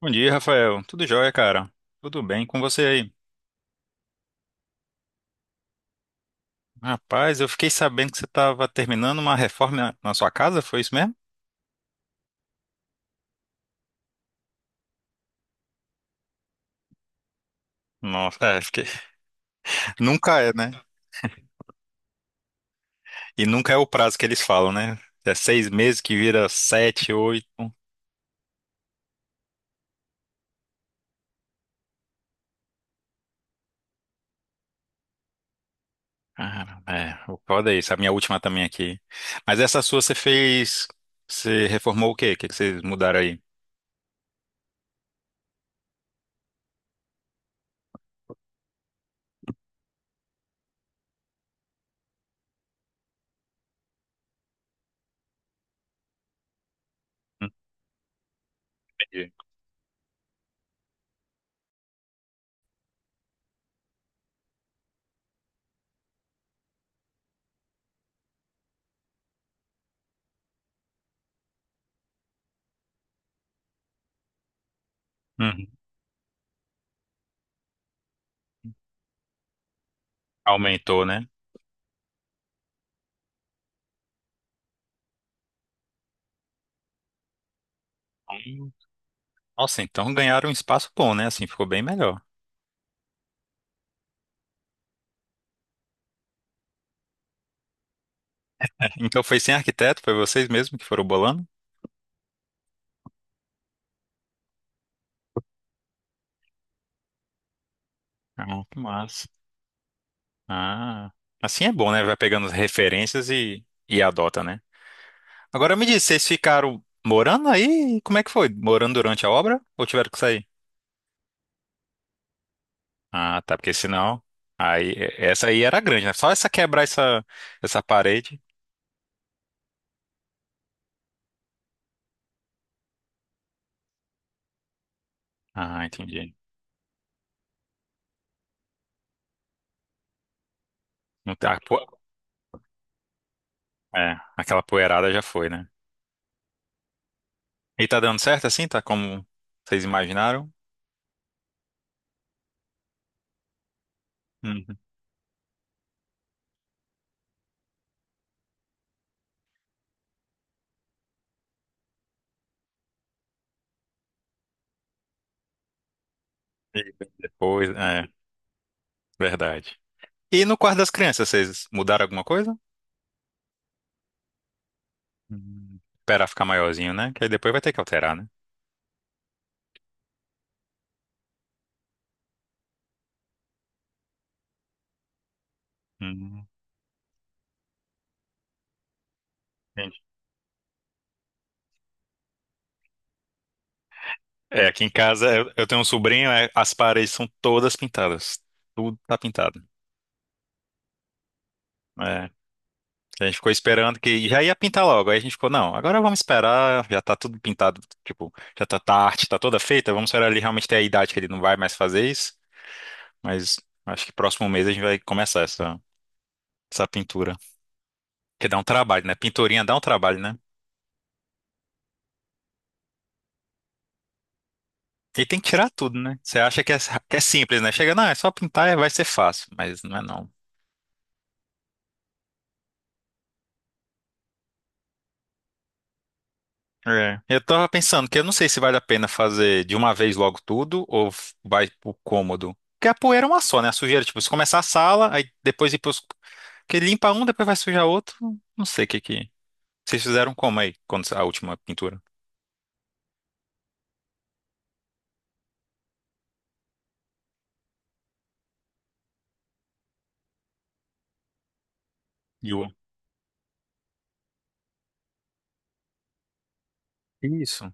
Bom dia, Rafael. Tudo jóia, cara? Tudo bem com você aí? Rapaz, eu fiquei sabendo que você estava terminando uma reforma na sua casa, foi isso mesmo? Nossa, é, fiquei. Nunca é, né? E nunca é o prazo que eles falam, né? É 6 meses que vira sete, oito. Cara, é, o foda é isso. A minha última também aqui. Mas essa sua você fez. Você reformou o quê? O que que vocês mudaram aí? Entendi. Uhum. Aumentou, né? Hum. Nossa, então ganharam um espaço bom, né? Assim, ficou bem melhor. Então foi sem arquiteto, foi vocês mesmos que foram bolando? Ah, que massa. Ah, assim é bom, né? Vai pegando as referências e, adota, né? Agora me diz, vocês ficaram morando aí? Como é que foi? Morando durante a obra ou tiveram que sair? Ah, tá, porque senão aí essa aí era grande, né? Só essa quebrar essa parede. Ah, entendi. Não tá, é, aquela poeirada já foi, né? E tá dando certo assim, tá como vocês imaginaram? Uhum. E depois, é, verdade. E no quarto das crianças, vocês mudaram alguma coisa? Esperar ficar maiorzinho, né? Que aí depois vai ter que alterar, né? Hum, entendi. É, aqui em casa eu tenho um sobrinho, as paredes são todas pintadas. Tudo tá pintado. É, a gente ficou esperando que já ia pintar logo. Aí a gente ficou, não, agora vamos esperar, já tá tudo pintado, tipo, já tá a arte, tá toda feita, vamos esperar ele realmente ter a idade que ele não vai mais fazer isso. Mas acho que próximo mês a gente vai começar essa pintura. Que dá um trabalho, né? Pinturinha dá um trabalho, né? E tem que tirar tudo, né? Você acha que é simples, né? Chega, não, é só pintar e vai ser fácil, mas não é não. É. Eu tava pensando que eu não sei se vale a pena fazer de uma vez logo tudo ou vai pro cômodo. Porque a poeira é uma só, né? A sujeira, tipo, se começar a sala, aí depois ir pros. Porque limpa um, depois vai sujar outro. Não sei o que que. Vocês fizeram como aí, quando a última pintura? E o- Isso.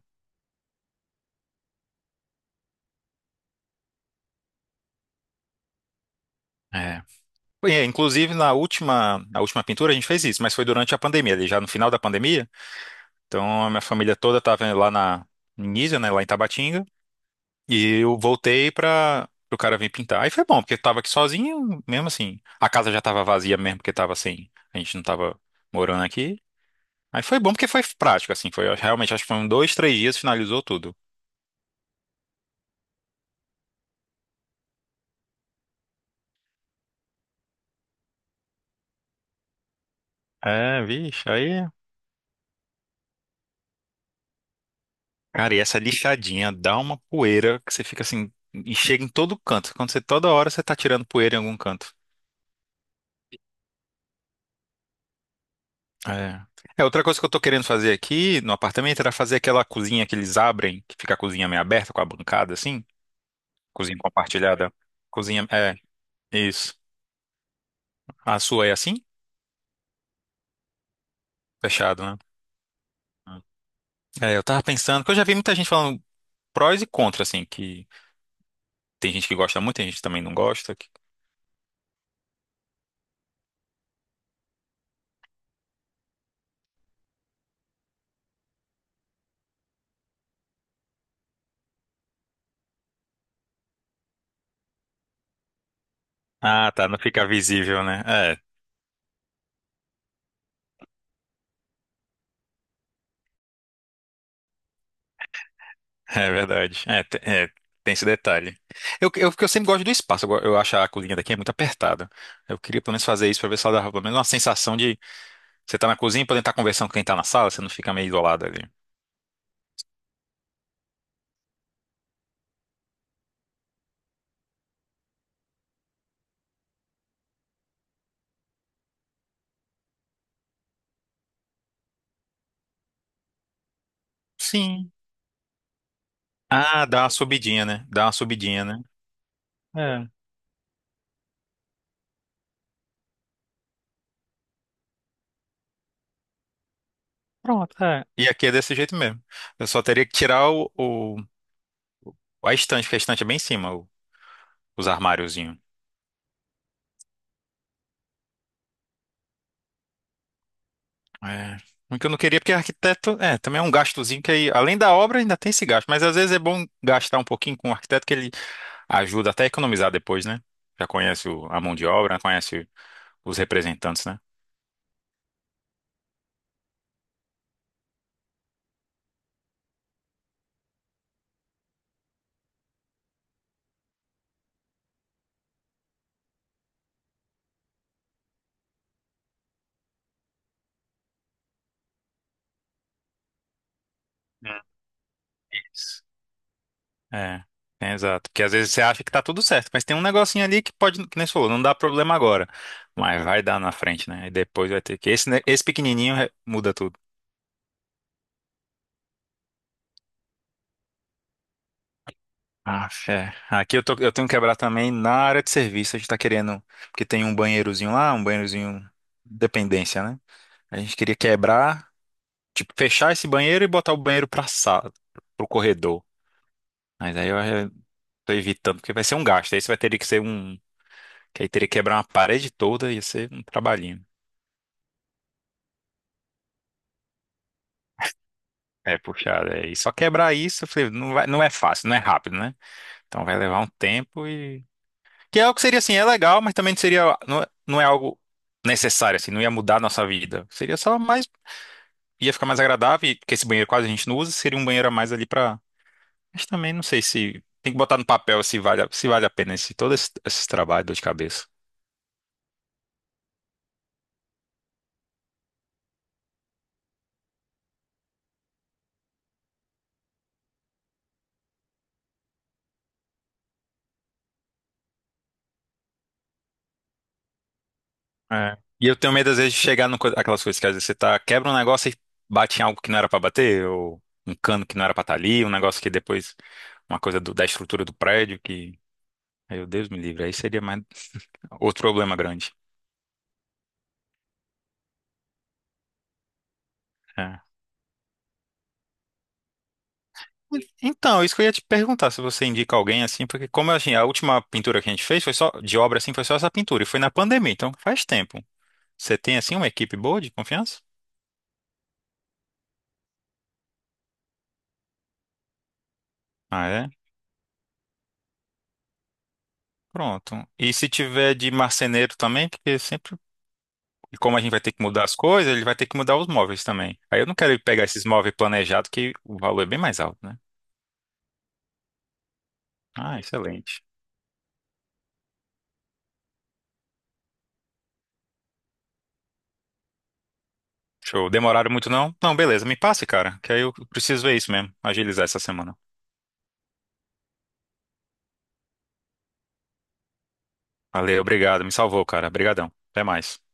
É. Bem, inclusive, na última pintura a gente fez isso, mas foi durante a pandemia, ali já no final da pandemia. Então a minha família toda estava lá na em Nísia, né, lá em Tabatinga, e eu voltei para o cara vir pintar. Aí foi bom, porque eu tava aqui sozinho, mesmo assim. A casa já tava vazia mesmo, porque tava assim, a gente não tava morando aqui. Aí foi bom porque foi prático, assim, foi eu realmente, acho que foram 2, 3 dias, finalizou tudo. É, vixe, aí. Cara, e essa lixadinha dá uma poeira que você fica assim, e chega em todo canto. Quando você toda hora você tá tirando poeira em algum canto. É. É, outra coisa que eu tô querendo fazer aqui no apartamento era fazer aquela cozinha que eles abrem, que fica a cozinha meio aberta com a bancada assim, cozinha compartilhada. Cozinha, é, isso. A sua é assim? Fechado, né? É, eu tava pensando, que eu já vi muita gente falando prós e contra assim, que tem gente que gosta muito, tem gente que também não gosta. Ah, tá, não fica visível, né? É, é verdade. É, tem esse detalhe. Porque eu sempre gosto do espaço, eu acho a cozinha daqui é muito apertada. Eu queria pelo menos fazer isso pra ver se ela dava pelo menos uma sensação. Você tá na cozinha podendo estar conversando com quem tá na sala, você não fica meio isolado ali. Sim. Ah, dá uma subidinha, né? Dá uma subidinha, né? É. Pronto, é. E aqui é desse jeito mesmo. Eu só teria que tirar a estante, porque a estante é bem em cima, os armáriozinhos. É. O que eu não queria, porque arquiteto, também é um gastozinho que aí, além da obra, ainda tem esse gasto. Mas às vezes é bom gastar um pouquinho com o arquiteto, que ele ajuda até a economizar depois, né? Já conhece a mão de obra, conhece os representantes, né? Hum, isso. É, é exato. Porque às vezes você acha que tá tudo certo, mas tem um negocinho ali que pode, que nem você falou, não dá problema agora, mas vai dar na frente, né? E depois vai ter que. Esse pequenininho muda tudo. Ah, fé. Aqui eu tenho que quebrar também na área de serviço. A gente tá querendo, porque tem um banheirozinho lá, um banheirozinho dependência, né? A gente queria quebrar, tipo, fechar esse banheiro e botar o banheiro pra sala, pro corredor. Mas aí eu tô evitando, porque vai ser um gasto. Aí você vai ter que ser um. Que aí teria que quebrar uma parede toda e ia ser um trabalhinho. É, puxado. É. E só quebrar isso, eu falei, não vai, não é fácil, não é rápido, né? Então vai levar um tempo e que é algo que seria assim, é legal, mas também seria, não, não é algo necessário, assim, não ia mudar a nossa vida. Seria só mais, ia ficar mais agradável, porque esse banheiro quase a gente não usa, seria um banheiro a mais ali pra. Mas também não sei se. Tem que botar no papel se vale, se vale a pena esse, todo esse trabalho, dor de cabeça. É. E eu tenho medo, às vezes, de chegar no co- aquelas coisas que às vezes você tá, quebra um negócio e bate em algo que não era pra bater, ou um cano que não era pra estar ali, um negócio que depois, uma coisa da estrutura do prédio que. Meu Deus me livre, aí seria mais outro problema grande. É. Então, isso que eu ia te perguntar, se você indica alguém assim, porque como assim, a última pintura que a gente fez foi só de obra assim, foi só essa pintura e foi na pandemia, então faz tempo. Você tem assim uma equipe boa de confiança? Ah, é? Pronto. E se tiver de marceneiro também, porque sempre, e como a gente vai ter que mudar as coisas, ele vai ter que mudar os móveis também. Aí eu não quero ir pegar esses móveis planejados que o valor é bem mais alto, né? Ah, excelente. Show. Demoraram muito não? Não, beleza, me passe, cara, que aí eu preciso ver isso mesmo, agilizar essa semana. Valeu, obrigado, me salvou, cara. Obrigadão. Até mais.